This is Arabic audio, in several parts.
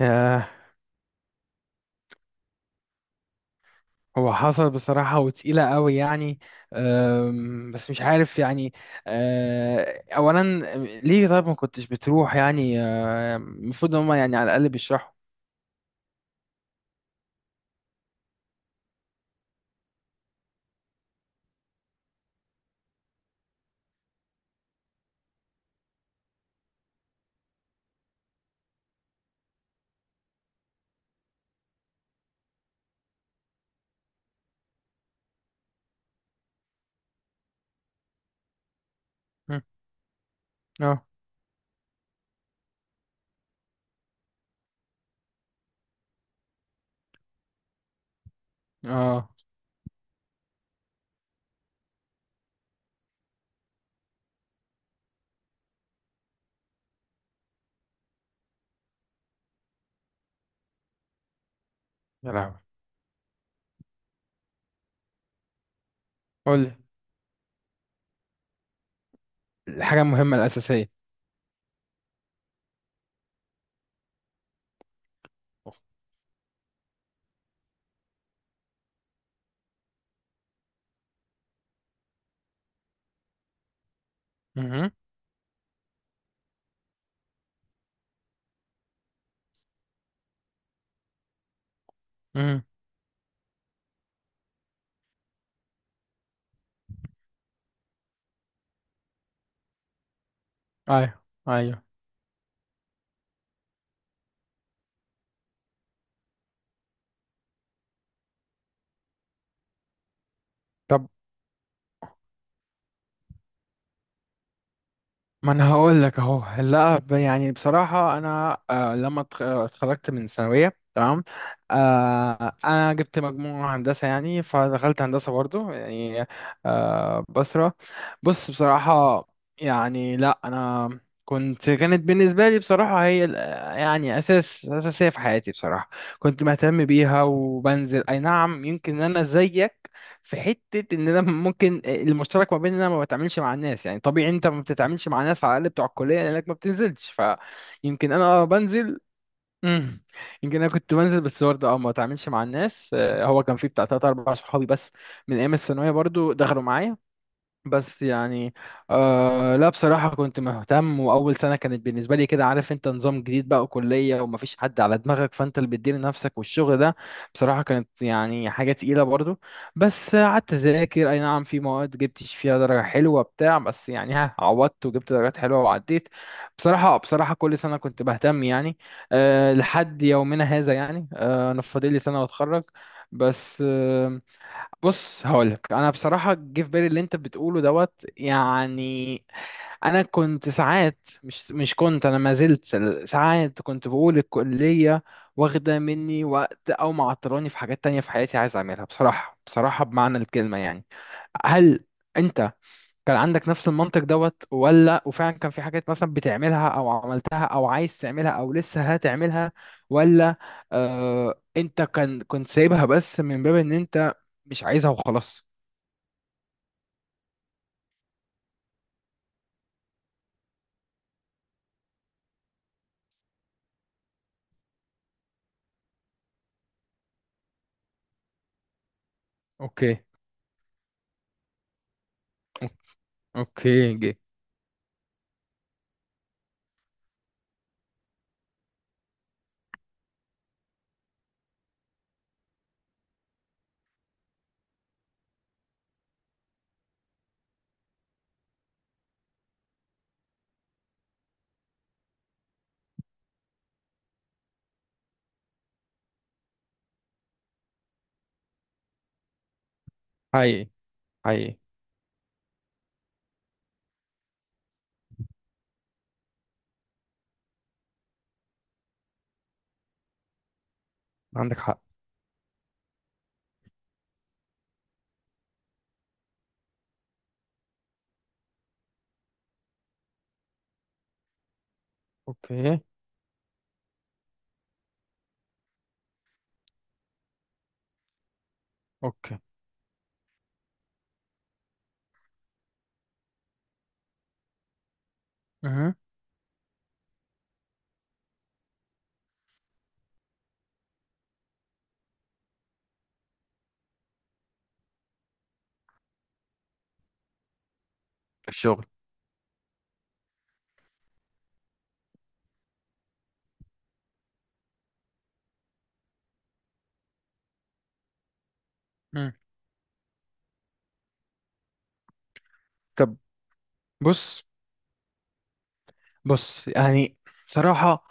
آه، هو حصل بصراحة وتقيلة قوي يعني. بس مش عارف يعني. أولا، ليه طيب ما كنتش بتروح يعني؟ المفروض إن هما يعني على الأقل بيشرحوا. مم. اه، اه. يا لهوي. قولي. الحاجة المهمة الأساسية. مهم. مهم. أيوه، أيوه. طب، ما انا هقول لك اهو. لا، يعني بصراحه انا، لما اتخرجت من ثانويه، تمام. انا جبت مجموع هندسه يعني، فدخلت هندسه برضو يعني. آه بصرة بص، بصراحه، يعني لا انا كانت بالنسبه لي بصراحه هي يعني اساسيه في حياتي بصراحه. كنت مهتم بيها وبنزل، اي نعم، يمكن انا زيك في حتة ان انا ممكن، المشترك ما بين ان انا ما بتعاملش مع الناس يعني طبيعي انت ما بتتعاملش مع ناس على الاقل بتوع الكلية لانك ما بتنزلش، فيمكن انا بنزل. مم. يمكن انا كنت بنزل بس برضه ما بتعاملش مع الناس. هو كان في بتاع تلات اربع صحابي بس، من ايام الثانوية برضه دخلوا معايا. بس يعني، لا بصراحة كنت مهتم. وأول سنة كانت بالنسبة لي كده، عارف أنت، نظام جديد بقى وكلية ومفيش حد على دماغك، فأنت اللي بتدير نفسك والشغل ده. بصراحة كانت يعني حاجة تقيلة برضو. بس قعدت أذاكر، أي نعم في مواد جبتش فيها درجة حلوة بتاع، بس يعني ها عوضت وجبت درجات حلوة وعديت. بصراحة بصراحة كل سنة كنت بهتم يعني. لحد يومنا هذا يعني. أنا فاضل لي سنة وأتخرج. بس، بص هقولك انا بصراحه، جه في بالي اللي انت بتقوله دوت يعني. انا كنت ساعات مش كنت، انا ما زلت ساعات كنت بقول الكليه واخده مني وقت او معطلاني في حاجات تانية في حياتي عايز اعملها، بصراحه بصراحه بمعنى الكلمه يعني. هل انت كان عندك نفس المنطق دوت، ولا وفعلا كان في حاجات مثلا بتعملها او عملتها او عايز تعملها او لسه هتعملها؟ ولا انت كنت سايبها بس من باب ان انت مش عايزها وخلاص؟ اوكي. اوكي جي. حقيقي. حقيقي. عندك حق. اوكي. اوكي. اها. الشغل. مم. طب. بص. بص يعني، بصراحة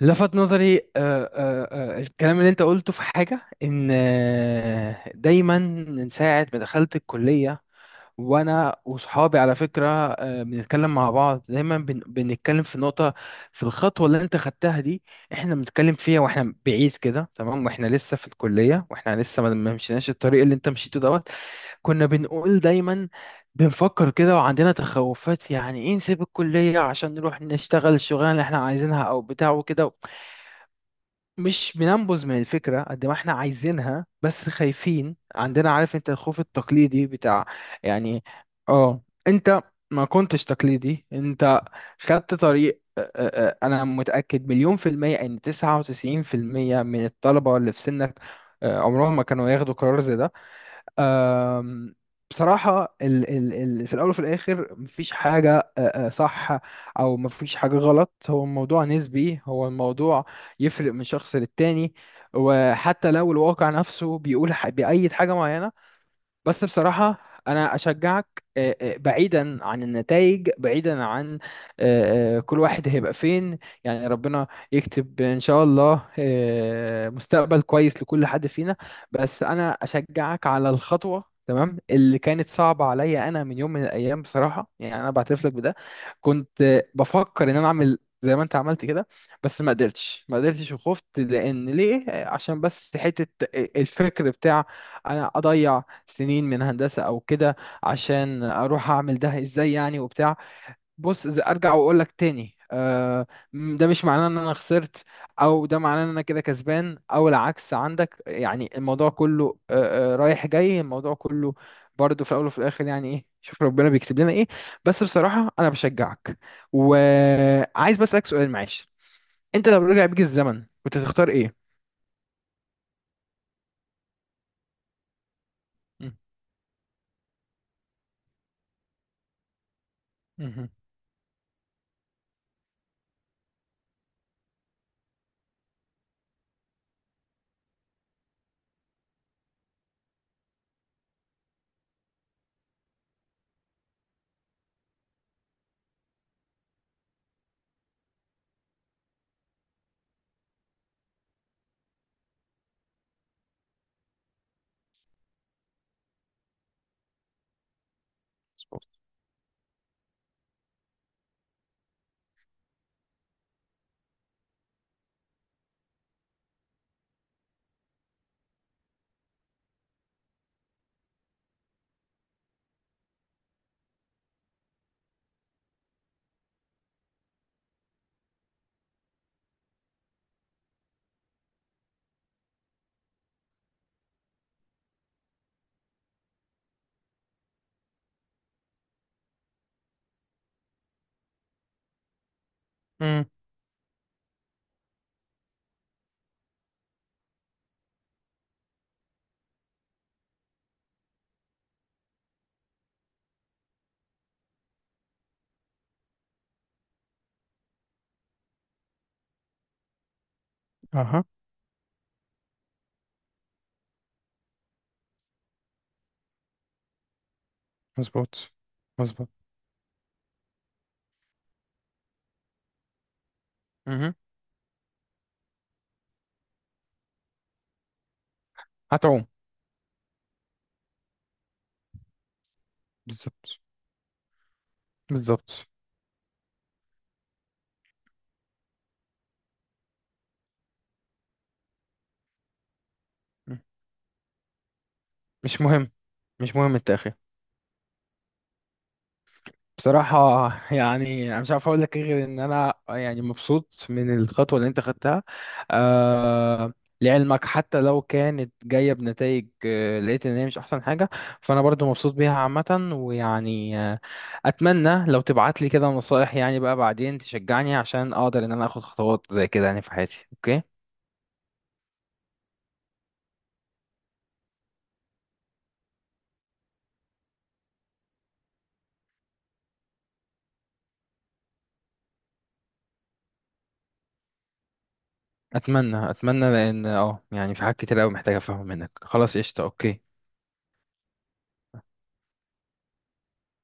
لفت نظري الكلام اللي انت قلته في حاجة، ان دايما من ساعة ما دخلت الكلية، وانا وصحابي على فكره، بنتكلم مع بعض دايما، بنتكلم في نقطه، في الخطوه اللي انت خدتها دي. احنا بنتكلم فيها واحنا بعيد كده، تمام، واحنا لسه في الكليه واحنا لسه ما مشيناش الطريق اللي انت مشيته دوت. كنا بنقول دايما، بنفكر كده وعندنا تخوفات، يعني ايه نسيب الكليه عشان نروح نشتغل الشغلانه اللي احنا عايزينها او بتاع وكده. مش بننبذ من الفكرة قد ما احنا عايزينها، بس خايفين، عندنا عارف انت الخوف التقليدي بتاع، يعني اه انت ما كنتش تقليدي انت، خدت طريق. اه، انا متأكد مليون في المية ان 99% من الطلبة اللي في سنك اه، عمرهم ما كانوا ياخدوا قرار زي ده. أم، بصراحة، ال ال ال في الأول وفي الآخر مفيش حاجة أ- أ، صح أو مفيش حاجة غلط، هو الموضوع نسبي. هو الموضوع يفرق من شخص للتاني. وحتى لو الواقع نفسه بيقول بيأيد حاجة معينة، بس بصراحة أنا أشجعك، بعيدا عن النتائج، بعيدا عن كل واحد هيبقى فين، يعني ربنا يكتب إن شاء الله مستقبل كويس لكل حد فينا. بس أنا أشجعك على الخطوة، تمام، اللي كانت صعبة عليا أنا من يوم من الأيام بصراحة، يعني أنا بعترف لك بده، كنت بفكر إن أنا أعمل زي ما أنت عملت كده، بس ما قدرتش ما قدرتش وخفت. لأن ليه؟ عشان بس حتة الفكر بتاع أنا أضيع سنين من هندسة او كده عشان اروح اعمل ده ازاي يعني وبتاع. بص، إذا ارجع واقول لك تاني، ده مش معناه ان انا خسرت او ده معناه ان انا كده كسبان او العكس، عندك يعني الموضوع كله رايح جاي، الموضوع كله برضه في الاول وفي الاخر، يعني ايه، شوف ربنا بيكتب لنا ايه. بس بصراحة انا بشجعك، وعايز بس اسالك سؤال معلش، انت لو رجع بيك الزمن كنت تختار ايه؟ مم. مهم. مظبوط. مم. اها. مظبوط. مظبوط. هتعوم. بالظبط. بالظبط. م. مش مهم. مش مهم التأخير. بصراحة يعني أنا مش عارف أقول لك إيه غير إن أنا يعني مبسوط من الخطوة اللي أنت خدتها. آه لعلمك، حتى لو كانت جاية بنتائج، لقيت إن هي مش أحسن حاجة، فأنا برضو مبسوط بيها عامة، ويعني أتمنى لو تبعت لي كده نصائح، يعني بقى بعدين تشجعني عشان أقدر إن أنا آخد خطوات زي كده يعني في حياتي. أوكي. اتمنى اتمنى لان يعني في حاجات كتير قوي محتاجه افهم منك. خلاص قشطه. اوكي.